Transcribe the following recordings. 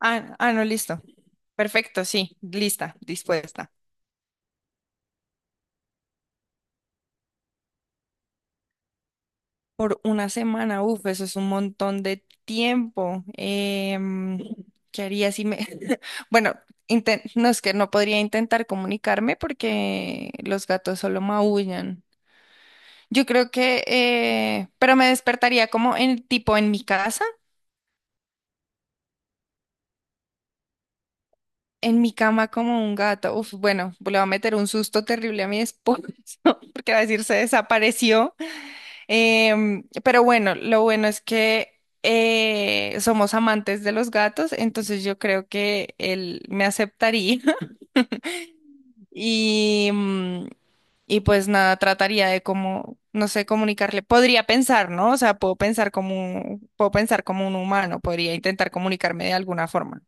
Ah, ah, no, listo. Perfecto, sí, lista, dispuesta. Por una semana, uf, eso es un montón de tiempo. ¿Qué haría si me... Bueno, no es que no podría intentar comunicarme porque los gatos solo maullan. Yo creo que, pero me despertaría como en tipo en mi casa, en mi cama como un gato. Uf, bueno, le va a meter un susto terrible a mi esposo porque va a decir se desapareció. Pero bueno, lo bueno es que somos amantes de los gatos, entonces yo creo que él me aceptaría y, y pues nada, trataría de como, no sé, comunicarle. Podría pensar, ¿no? O sea, puedo pensar como puedo pensar como un humano, podría intentar comunicarme de alguna forma.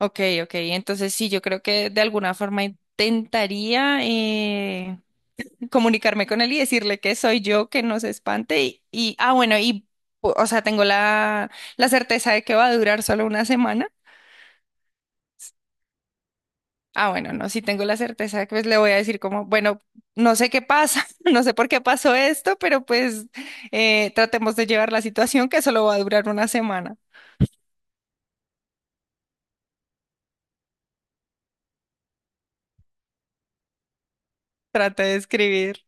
Ok, ok, entonces sí, yo creo que de alguna forma intentaría comunicarme con él y decirle que soy yo, que no se espante ah, bueno, y, o sea, tengo la certeza de que va a durar solo una semana. Ah, bueno, no, si tengo la certeza de que pues, le voy a decir como, bueno, no sé qué pasa, no sé por qué pasó esto, pero pues tratemos de llevar la situación que solo va a durar una semana. Trate de escribir.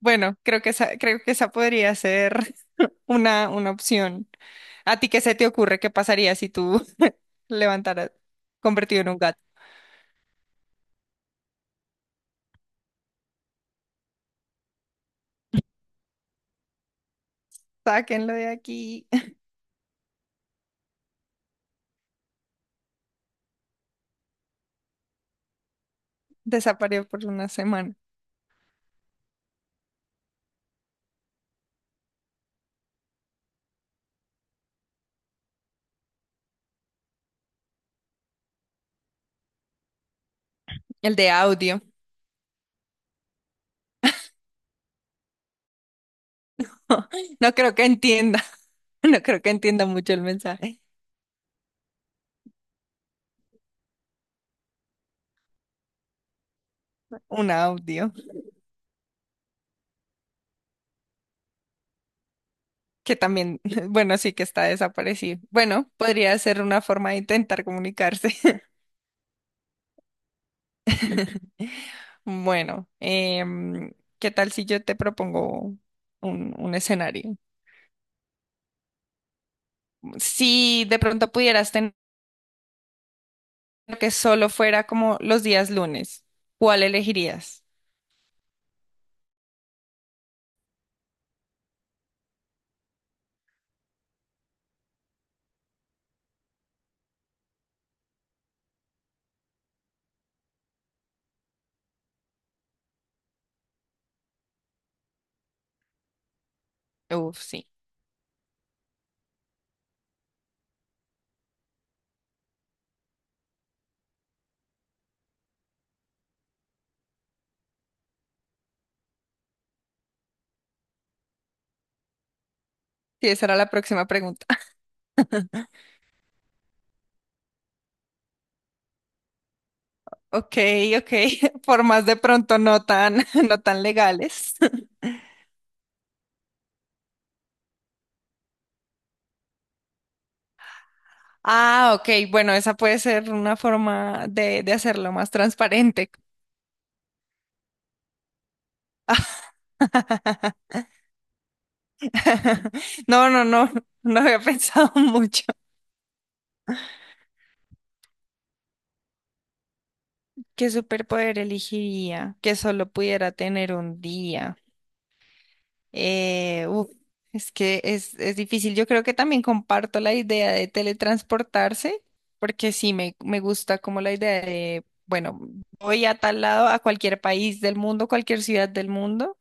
Bueno, creo que esa podría ser una opción. ¿A ti qué se te ocurre? ¿Qué pasaría si tú levantaras convertido en un gato? Sáquenlo de aquí. Desapareció por una semana. El de audio. No creo que entienda. No creo que entienda mucho el mensaje. Un audio. Que también, bueno, sí que está desaparecido. Bueno, podría ser una forma de intentar comunicarse. Bueno, ¿qué tal si yo te propongo un escenario? Si de pronto pudieras tener que solo fuera como los días lunes, ¿cuál elegirías? Uf, sí. Sí, esa era la próxima pregunta. Ok, ok, formas de pronto no tan, no tan legales. Ah, ok, bueno, esa puede ser una forma de hacerlo más transparente. No, no, no, no había pensado mucho. ¿Qué superpoder elegiría que solo pudiera tener un día? Uf, es que es difícil. Yo creo que también comparto la idea de teletransportarse, porque sí me gusta como la idea de, bueno, voy a tal lado, a cualquier país del mundo, cualquier ciudad del mundo,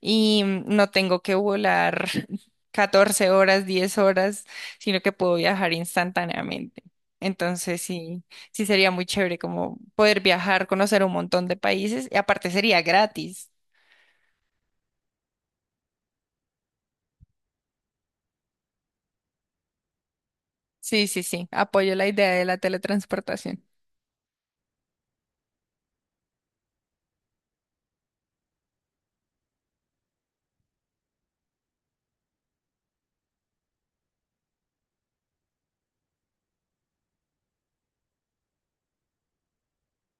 y no tengo que volar 14 horas, 10 horas, sino que puedo viajar instantáneamente. Entonces sí, sí sería muy chévere como poder viajar, conocer un montón de países, y aparte sería gratis. Sí, sí, sí, apoyo la idea de la teletransportación.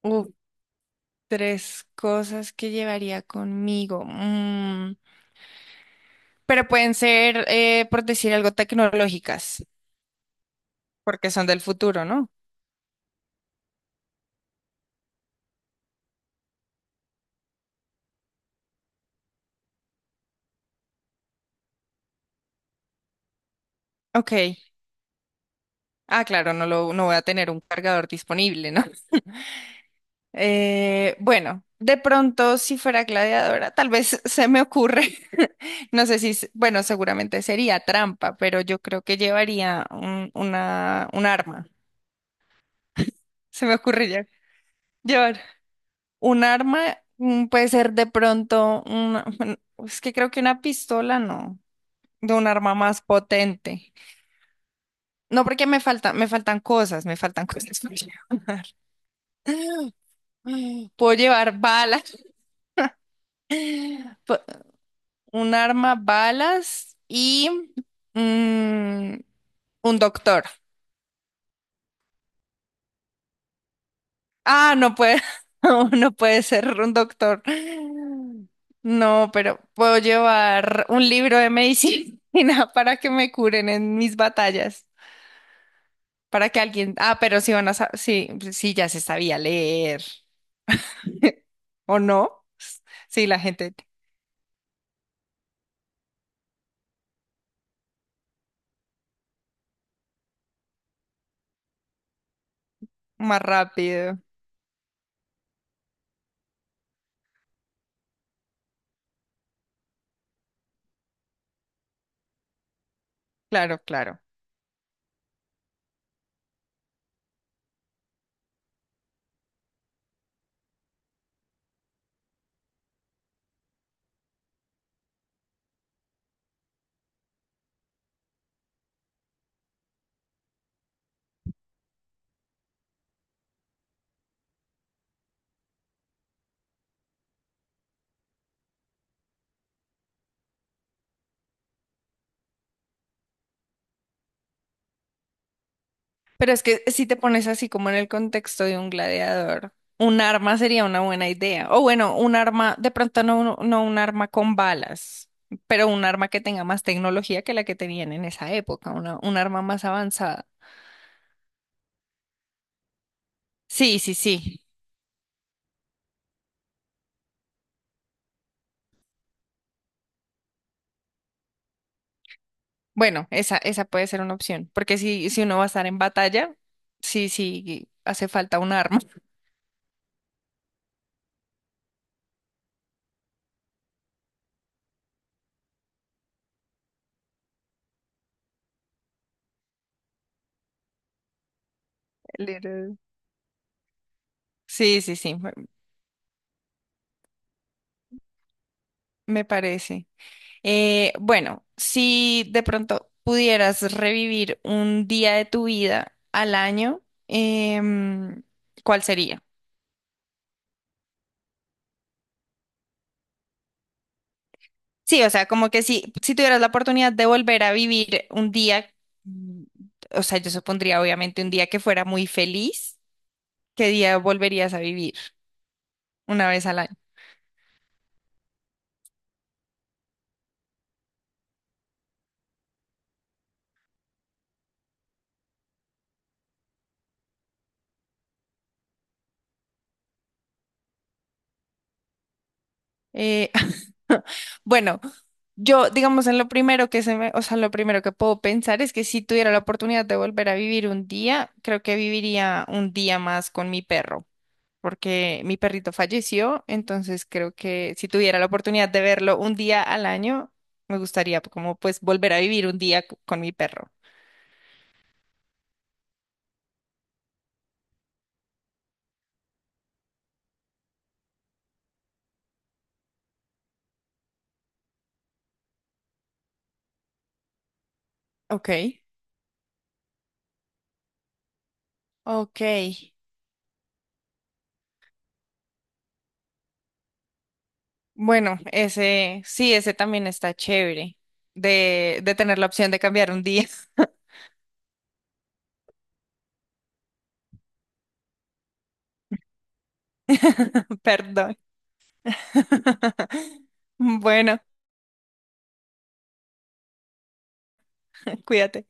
Uf, tres cosas que llevaría conmigo. Mm, pero pueden ser, por decir algo, tecnológicas, porque son del futuro, ¿no? Ok. Ah, claro, no lo, no voy a tener un cargador disponible, ¿no? Bueno, de pronto, si fuera gladiadora, tal vez se me ocurre. No sé si, s- bueno, seguramente sería trampa, pero yo creo que llevaría un arma. Se me ocurre ya llevar. Un arma mm, puede ser de pronto una, bueno, es que creo que una pistola no, de un arma más potente. No, porque me faltan cosas, me faltan cosas por llevar. Puedo llevar balas, po- un arma, balas y mm, un doctor. Ah, no puede ser un doctor. No, pero puedo llevar un libro de medicina para que me curen en mis batallas, para que alguien, ah, pero sí van sí, pues sí, ya se sabía leer, ¿o no? Sí, la gente más rápido. Claro, claro. Pero es que si te pones así como en el contexto de un gladiador, un arma sería una buena idea. O bueno, un arma, de pronto no, no un arma con balas, pero un arma que tenga más tecnología que la que tenían en esa época, un arma más avanzada. Sí, sí, sí. Bueno, esa puede ser una opción, porque si uno va a estar en batalla, sí, sí, hace falta un arma. Little- Sí, sí, sí, me parece. Bueno, si de pronto pudieras revivir un día de tu vida al año, em, ¿cuál sería? Sí, o sea, como que si tuvieras la oportunidad de volver a vivir un día, mm, o sea, yo supondría obviamente un día que fuera muy feliz, ¿qué día volverías a vivir una vez al año? Eh, bueno, yo, digamos, en lo primero que se o sea, lo primero que puedo pensar es que si tuviera la oportunidad de volver a vivir un día, creo que viviría un día más con mi perro, porque mi perrito falleció, entonces creo que si tuviera la oportunidad de verlo un día al año, me gustaría como pues volver a vivir un día con mi perro. Ok, ok. Bueno, ese, sí, ese también está chévere de tener la opción de cambiar un día. Perdón. Bueno, cuídate.